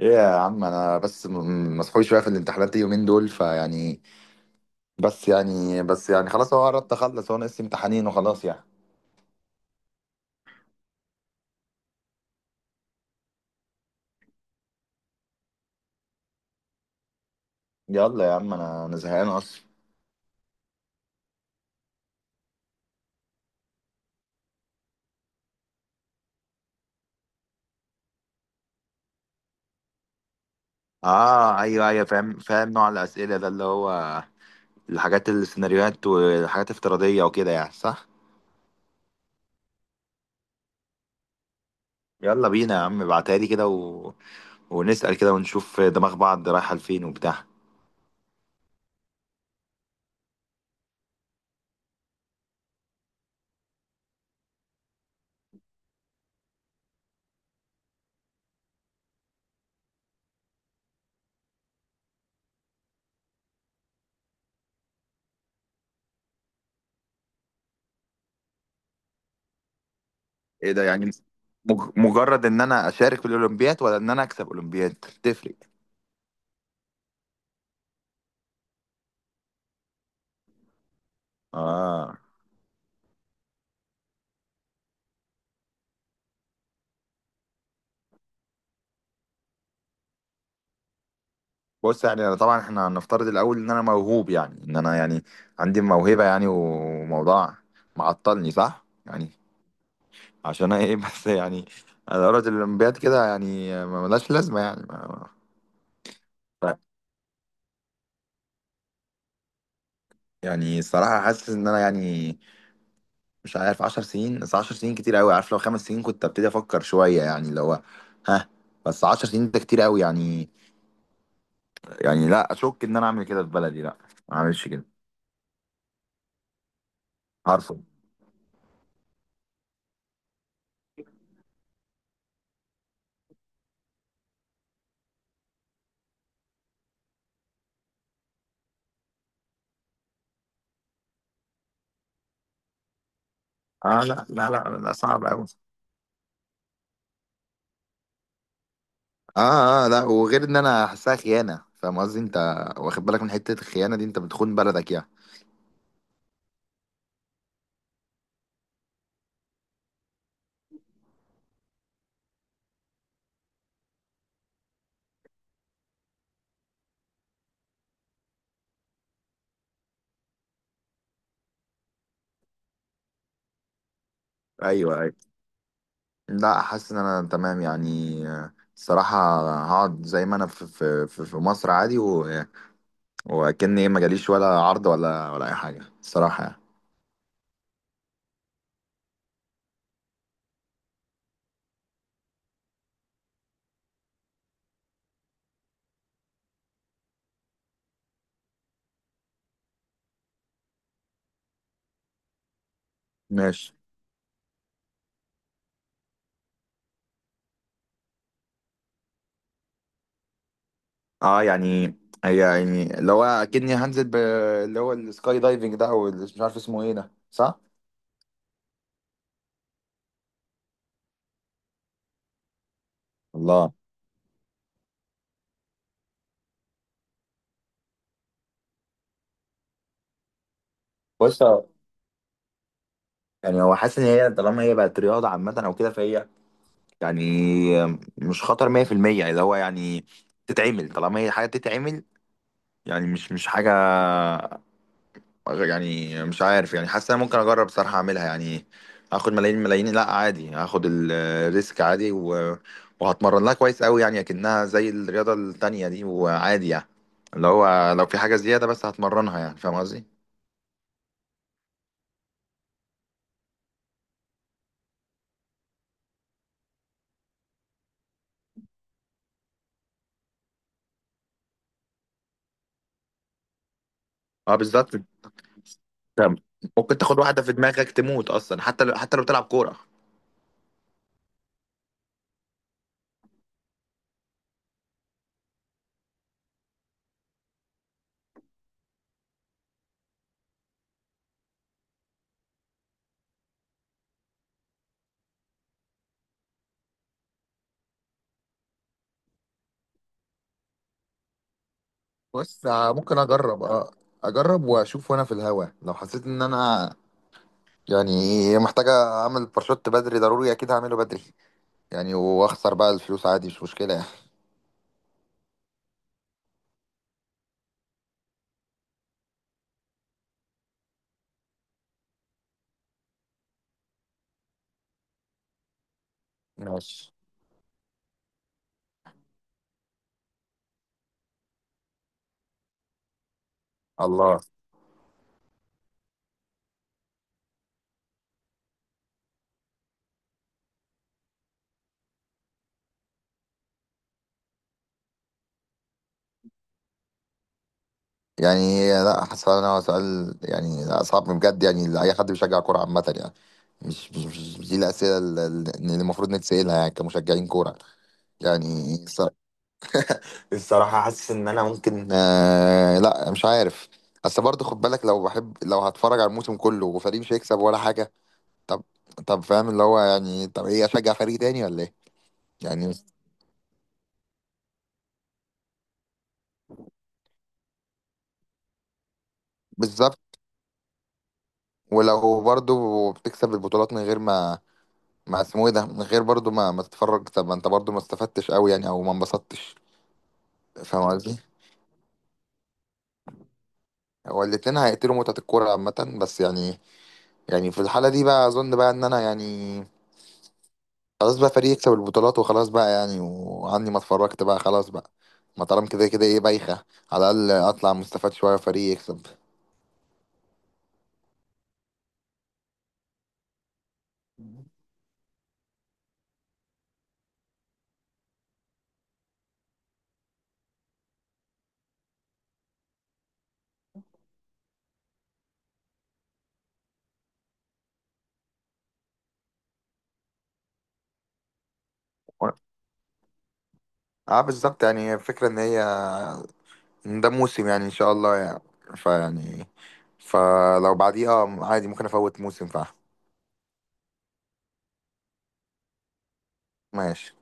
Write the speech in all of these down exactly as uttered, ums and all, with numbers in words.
ايه يا عم، انا بس م- مسحول شويه في الامتحانات اليومين دول فيعني. بس يعني بس يعني خلاص، هو قربت اخلص، هو ناقص امتحانين وخلاص يعني. يلا يا عم، انا انا زهقان اصلا. اه ايوه ايوه، فاهم فاهم نوع الاسئله ده، اللي هو الحاجات السيناريوهات والحاجات الافتراضيه وكده يعني، صح. يلا بينا يا عم، ابعتها لي كده و... ونسال كده ونشوف دماغ بعض رايحه لفين وبتاع. ايه ده يعني، مج... مجرد ان انا اشارك في الاولمبياد ولا ان انا اكسب اولمبياد؟ تفرق. اه، بص يعني، أنا طبعا احنا هنفترض الاول ان انا موهوب يعني، ان انا يعني عندي موهبه يعني، وموضوع معطلني صح يعني. عشان ايه بس يعني انا دورة الاولمبياد كده يعني ما- ملهاش لازمه يعني. ما- ما- يعني الصراحه حاسس ان انا يعني مش عارف. عشر سنين، بس عشر سنين كتير قوي، عارف لو خمس سنين كنت ابتدي افكر شويه يعني، اللي هو ها. بس عشر سنين ده كتير قوي يعني، يعني لا اشك ان انا اعمل كده في بلدي، لا ما اعملش كده. عارفه؟ اه لا لا لا، لا صعب قوي. اه اه لا، وغير ان انا حاسسها خيانه، فاهم قصدي انت؟ واخد بالك من حته الخيانه دي؟ انت بتخون بلدك يعني. ايوه ايوه، لا حاسس ان انا تمام يعني، آه، الصراحه هقعد زي ما انا في في في في مصر عادي، و... وكأني ايه ما جاليش ولا عرض ولا ولا اي حاجه الصراحه يعني. ماشي. اه يعني، هي يعني اللي هو اكني هنزل ب... اللي هو السكاي دايفنج ده، او اللي مش عارف اسمه ايه ده، صح. الله. بص، يعني هو حاسس ان هي طالما هي بقت رياضه عامه او كده فهي يعني مش خطر مية في المية. اللي هو يعني تتعمل، طالما هي حاجة تتعمل يعني، مش مش حاجة يعني. مش عارف يعني، حاسس انا ممكن اجرب صراحة اعملها يعني. هاخد ملايين ملايين، لا عادي، هاخد ال- الريسك عادي، و... وهتمرن لها كويس قوي يعني، اكنها زي الرياضة التانية دي وعادي يعني، اللي هو لو في حاجة زيادة بس هتمرنها يعني، فاهم قصدي؟ اه بالظبط. انت ممكن تاخد واحدة في دماغك تموت اصلا، حتى لو حتى لو بتلعب كورة. بص، آه، ممكن اجرب آه، اجرب واشوف وانا في الهوا، لو حسيت ان انا يعني محتاجة اعمل باراشوت بدري ضروري، اكيد هعمله بدري يعني، واخسر بقى الفلوس عادي، مش مشكلة يعني. ماشي. الله. يعني لا حاسس ان هو سؤال يعني، لا، صعب بجد يعني، لأي حد بيشجع كورة عامة يعني. مش مش مش- مش دي الأسئلة اللي اللي المفروض نتسألها يعني كمشجعين كورة يعني. الصراحة حاسس إن أنا ممكن آه، لا مش عارف. بس برضه خد بالك، لو بحب لو هتفرج على الموسم كله وفريق مش هيكسب ولا حاجة. طب طب فاهم اللي هو يعني، طب إيه أشجع فريق تاني ولا إيه؟ يعني بالظبط. ولو برضه بتكسب البطولات من غير ما، ما اسمه إيه ده، من غير برضه ما ما تتفرج، طب ما أنت برضه ما استفدتش أوي يعني، أو ما انبسطتش. فاهم قصدي؟ هو الاتنين هيقتلوا متعة الكورة عامة بس يعني. يعني في الحالة دي بقى أظن بقى إن أنا يعني خلاص بقى، فريق يكسب البطولات وخلاص بقى يعني، وعني ما اتفرجت بقى خلاص بقى، ما طالما كده كده ايه بايخة. على الأقل أطلع مستفاد شوية، فريق يكسب. و- اه بالظبط يعني، الفكرة إن هي إن ده موسم يعني، إن شاء الله يعني، فيعني فلو بعديه اه عادي، ممكن أفوت موسم فعلا. ماشي.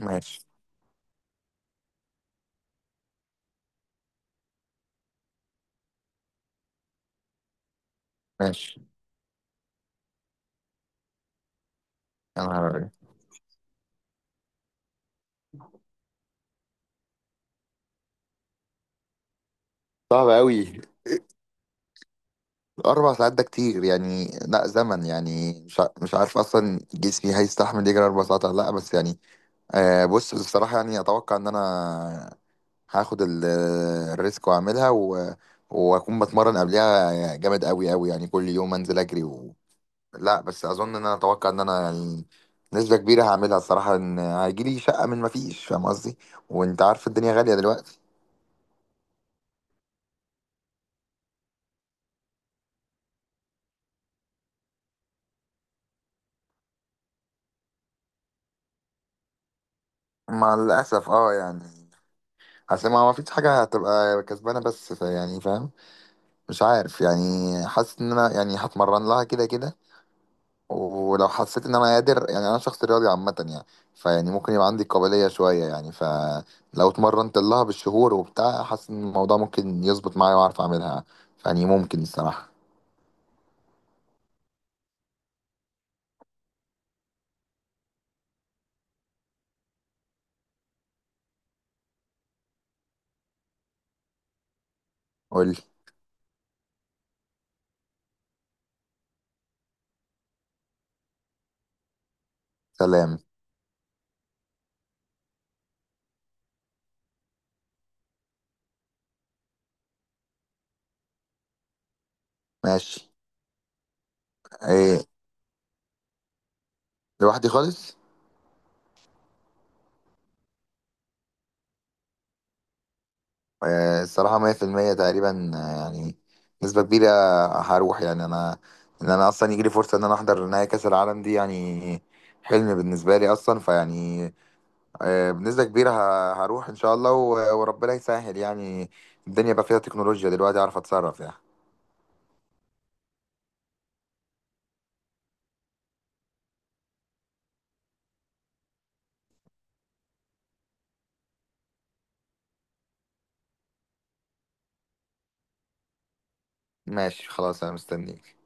ماشي. ماشي. يا نهار أبيض. صعب أوي. أربع ساعات ده كتير يعني، لا زمن يعني، مش ع- مش عارف أصلا جسمي هيستحمل يجري أربع ساعات ولا لأ، بس يعني آه، بص بصراحة يعني أتوقع إن أنا هاخد ال- الريسك وأعملها، و... وأكون بتمرن قبلها جامد أوي أوي يعني، كل يوم أنزل أجري و... لا، بس أظن إن أنا أتوقع إن أنا يعني نسبة كبيرة هعملها الصراحة، إن هيجيلي شقة من مفيش، فاهم قصدي؟ وأنت عارف الدنيا غالية دلوقتي. مع الأسف أه يعني، أصل ما ما فيش حاجة هتبقى كسبانة بس ف- يعني فاهم، مش عارف يعني، حاسس إن أنا يعني هتمرن لها كده كده، ولو حسيت ان انا قادر يعني، انا شخص رياضي عامه يعني، فيعني ممكن يبقى عندي قابليه شويه يعني، فلو اتمرنت لها بالشهور وبتاع حاسس ان الموضوع ممكن يظبط معايا واعرف اعملها يعني، ممكن الصراحه. قول لي. سلام. ماشي. ايه لوحدي خالص؟ إيه الصراحه مية في المية تقريبا، آه، يعني نسبه كبيره هروح يعني. انا ان انا اصلا يجي لي فرصه ان انا احضر نهائي كاس العالم دي يعني حلم بالنسبه لي اصلا، فيعني آه، بنسبة كبيرة ه- هروح إن شاء الله، و- وربنا يسهل يعني، الدنيا بقى فيها تكنولوجيا دلوقتي، أعرف أتصرف يعني. ماشي خلاص، أنا مستنيك.